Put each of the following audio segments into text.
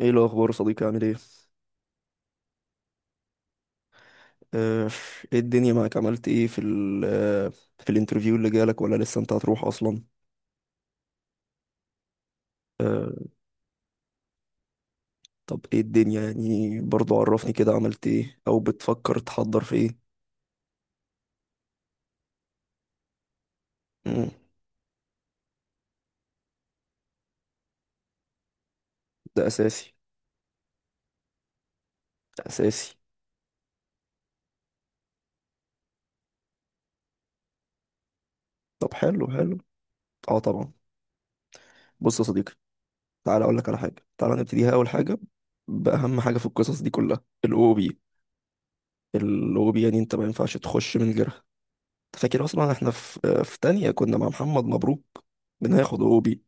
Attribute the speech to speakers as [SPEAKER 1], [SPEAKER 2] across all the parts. [SPEAKER 1] ايه الاخبار يا صديقي؟ عامل ايه؟ آه، ايه الدنيا معاك؟ عملت ايه في ال آه، في الانترفيو اللي جالك، ولا لسه انت هتروح اصلا؟ آه، طب ايه الدنيا يعني؟ برضو عرفني كده، عملت ايه او بتفكر تحضر في ايه؟ مم، ده اساسي. ده اساسي. طب حلو حلو. اه طبعا. بص يا صديقي، تعالى اقول لك على حاجه، تعالى نبتديها. اول حاجه، باهم حاجه في القصص دي كلها الاو بي. الاو بي يعني انت ما ينفعش تخش من غيرها. أنت فاكر اصلا احنا في تانية كنا مع محمد مبروك؟ بناخد OB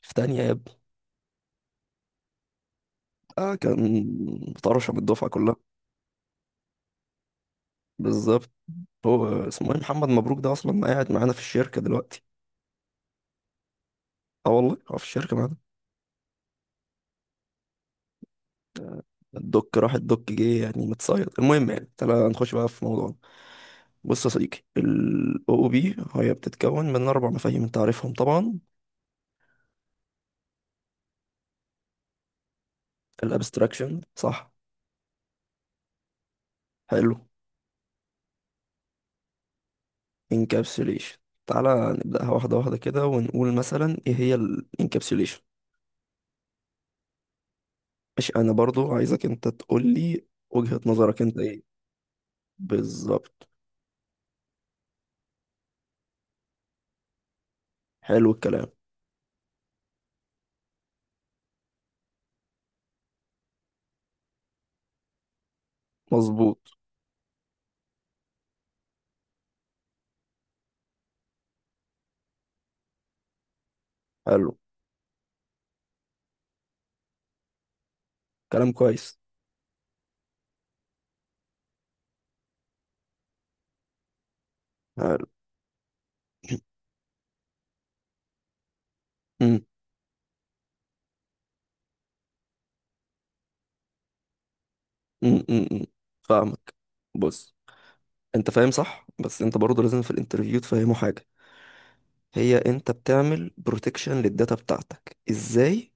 [SPEAKER 1] في تانية يا ابني. اه كان طرشة من الدفعة كلها. بالظبط. هو اسمه ايه؟ محمد مبروك ده اصلا قاعد معانا في الشركة دلوقتي؟ اه والله هو في الشركة معانا. الدك راح الدك جه يعني، متصيد. المهم، يعني تعالى نخش بقى في موضوعنا. بص يا صديقي، ال OOP هي بتتكون من 4 مفاهيم أنت عارفهم طبعا. ال Abstraction، صح. حلو. Encapsulation. تعالى نبدأها واحدة واحدة كده ونقول مثلا إيه هي ال Encapsulation. مش أنا برضو عايزك أنت تقول لي وجهة نظرك أنت إيه؟ بالظبط. حلو الكلام. مظبوط. حلو. كلام كويس. حلو. م- م- م- م. فاهمك. بص، انت فاهم صح، بس انت برضه لازم في الانترفيو تفهمه حاجة. هي انت بتعمل بروتكشن للداتا بتاعتك ازاي؟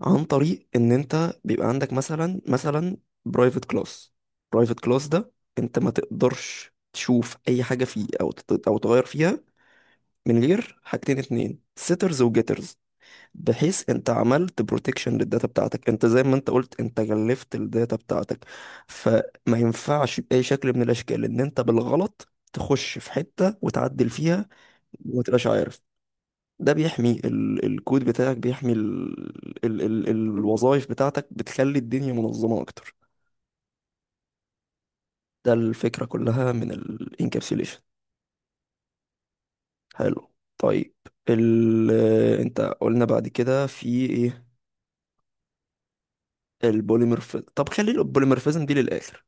[SPEAKER 1] عن طريق ان انت بيبقى عندك مثلا برايفت كلاس. برايفت كلاس ده انت ما تقدرش تشوف اي حاجة فيه او تغير فيها من غير حاجتين 2، سيترز وجيترز. بحيث انت عملت بروتكشن للداتا بتاعتك، انت زي ما انت قلت انت جلفت الداتا بتاعتك. فما ينفعش بأي شكل من الاشكال ان انت بالغلط تخش في حتة وتعدل فيها وما تبقاش عارف. ده بيحمي الكود بتاعك، بيحمي ال ال ال الوظائف بتاعتك، بتخلي الدنيا منظمة اكتر. ده الفكرة كلها من الانكابسيليشن. حلو. طيب، ال انت قلنا بعد كده في ايه؟ طب خلي البوليمورفيزم دي للآخر،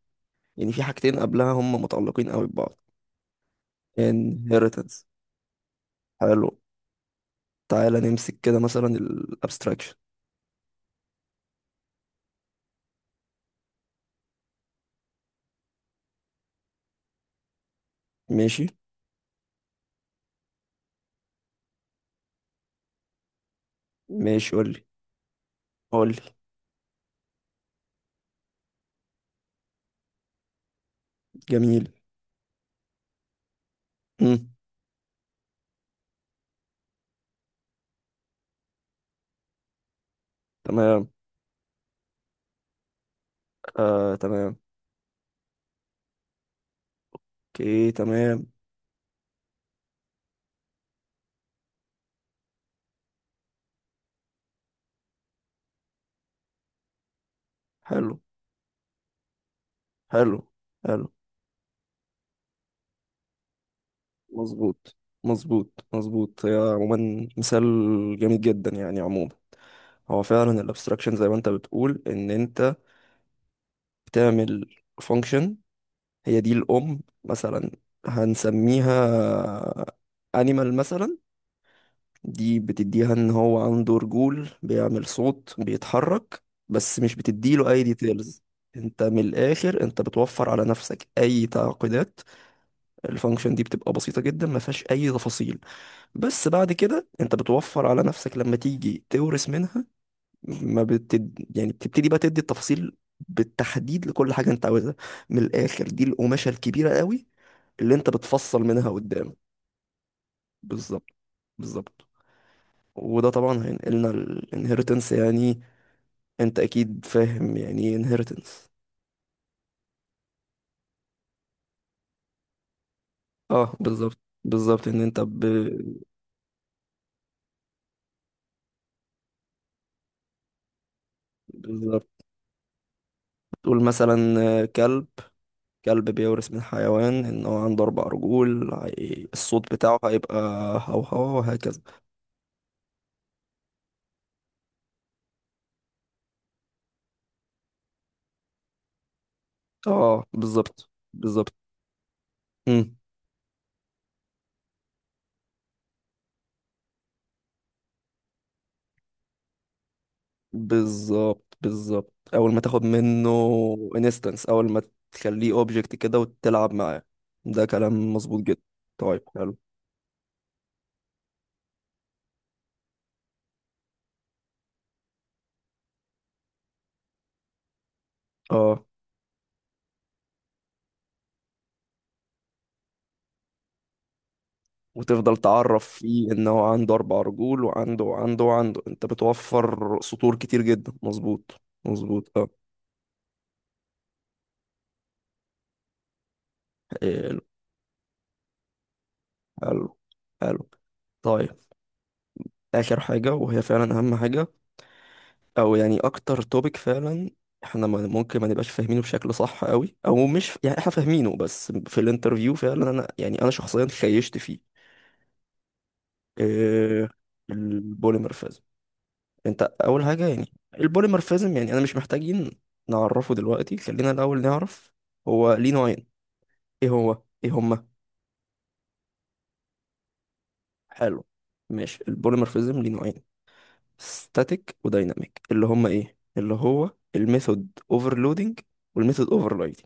[SPEAKER 1] يعني في حاجتين قبلها هم متعلقين قوي ببعض. inheritance، حلو. تعالى نمسك كده مثلا ال abstraction. ماشي ماشي. قولي قولي. جميل. مم. تمام. آه تمام. اوكي تمام. حلو حلو حلو. مظبوط مظبوط مظبوط. هي عموما مثال جميل جدا، يعني عموما هو فعلا الابستراكشن زي ما انت بتقول ان انت بتعمل فانكشن، هي دي الام مثلا، هنسميها انيمال مثلا. دي بتديها ان هو عنده رجول، بيعمل صوت، بيتحرك، بس مش بتديله اي ديتيلز. انت من الاخر انت بتوفر على نفسك اي تعقيدات. الفانكشن دي بتبقى بسيطة جدا، ما فيهاش اي تفاصيل. بس بعد كده انت بتوفر على نفسك لما تيجي تورث منها. ما بتد... يعني بتبتدي بقى تدي التفاصيل بالتحديد لكل حاجة انت عاوزها. من الاخر، دي القماشة الكبيرة قوي اللي انت بتفصل منها قدام. بالظبط. بالظبط. وده طبعا هينقلنا الانهيرتنس، يعني انت اكيد فاهم يعني ايه انهيرتنس. اه بالظبط بالظبط، ان انت. بالظبط. تقول مثلا كلب. كلب بيورث من حيوان، ان هو عنده 4 رجول، الصوت بتاعه هيبقى هوهو، وهكذا. اه بالظبط بالظبط. مم. بالظبط بالظبط. اول ما تاخد منه انستنس، اول ما تخليه اوبجكت كده وتلعب معاه. ده كلام مظبوط جدا. طيب حلو. اه، وتفضل تعرف فيه ان هو عنده اربع رجول وعنده وعنده وعنده. انت بتوفر سطور كتير جدا. مظبوط مظبوط. اه. حلو حلو حلو. طيب، اخر حاجه وهي فعلا اهم حاجه، او يعني اكتر توبيك فعلا احنا ممكن ما نبقاش فاهمينه بشكل صح قوي، او مش يعني احنا فاهمينه، بس في الانترفيو فعلا انا، يعني انا شخصيا خيشت فيه. إيه؟ البوليمورفيزم. انت اول حاجه يعني البوليمورفيزم، يعني انا مش محتاجين نعرفه دلوقتي. خلينا الاول نعرف هو ليه نوعين. ايه هما؟ حلو. ماشي، البوليمورفيزم ليه نوعين، ستاتيك ودايناميك، اللي هما ايه؟ اللي هو الميثود اوفرلودنج والميثود اوفررايدنج.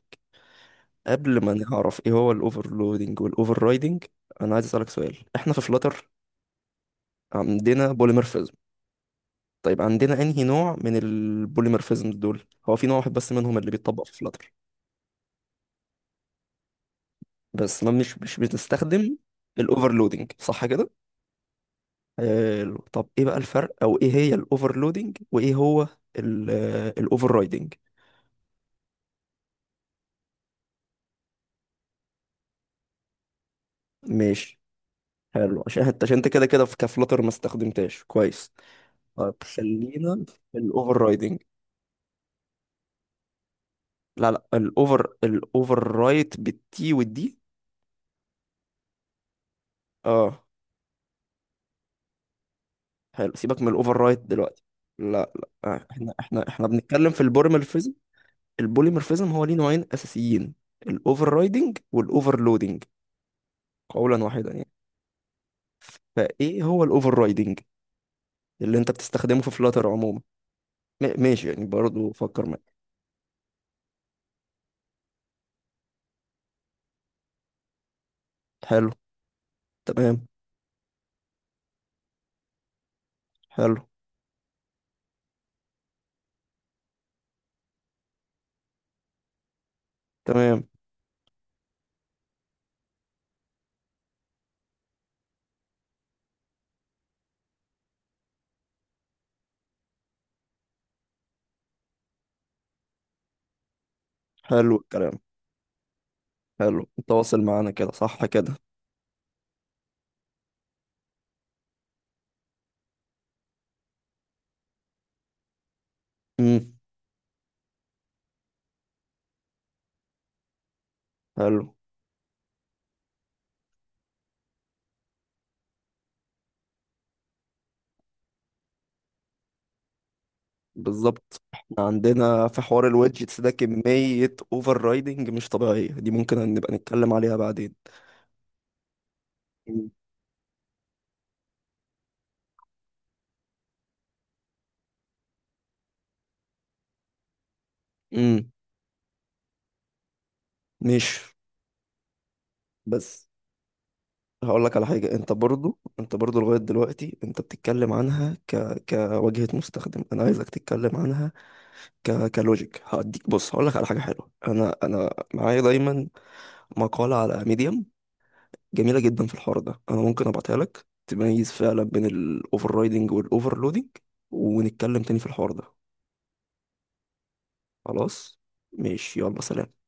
[SPEAKER 1] قبل ما نعرف ايه هو الاوفرلودنج والاوفررايدنج، انا عايز اسالك سؤال. احنا في فلاتر عندنا بوليمورفيزم؟ طيب، عندنا انهي نوع من البوليمورفيزم دول؟ هو في نوع واحد بس منهم اللي بيتطبق في فلاتر. بس ما مش بتستخدم الاوفرلودنج، صح كده؟ حلو، طب ايه بقى الفرق؟ او ايه هي الاوفرلودنج وايه هو الاوفر رايدنج؟ ماشي، حلو، عشان حتى انت كده كده في كفلتر ما استخدمتهاش كويس. طب خلينا في الاوفر رايدنج. لا لا، الاوفر رايت بالتي والدي. اه. حلو، سيبك من الاوفر رايت دلوقتي. لا لا، احنا بنتكلم في البوليمورفيزم. البوليمورفيزم هو ليه نوعين اساسيين، الاوفر رايدنج والاوفر لودنج، قولا واحدا يعني. فايه هو الاوفر رايدنج اللي انت بتستخدمه في فلاتر عموما؟ ماشي، يعني برضه فكر معايا. حلو. تمام. حلو تمام. حلو الكلام. حلو، انت واصل معانا كده، صح كده؟ امم. حلو. بالظبط، احنا عندنا في حوار الويدجتس ده كمية اوفر رايدنج مش طبيعية، دي ممكن نبقى نتكلم عليها بعدين. امم. ماشي. بس هقول لك على حاجة، انت برضو، انت برضو لغاية دلوقتي انت بتتكلم عنها كواجهة مستخدم، انا عايزك تتكلم عنها كلوجيك هديك. بص هقول لك على حاجة حلوة، انا معايا دايما مقالة على ميديم جميلة جدا في الحوار ده، انا ممكن ابعتها لك، تميز فعلا بين الاوفر رايدنج والاوفرلودنج، ونتكلم تاني في الحوار ده. خلاص. ماشي، يلا سلام.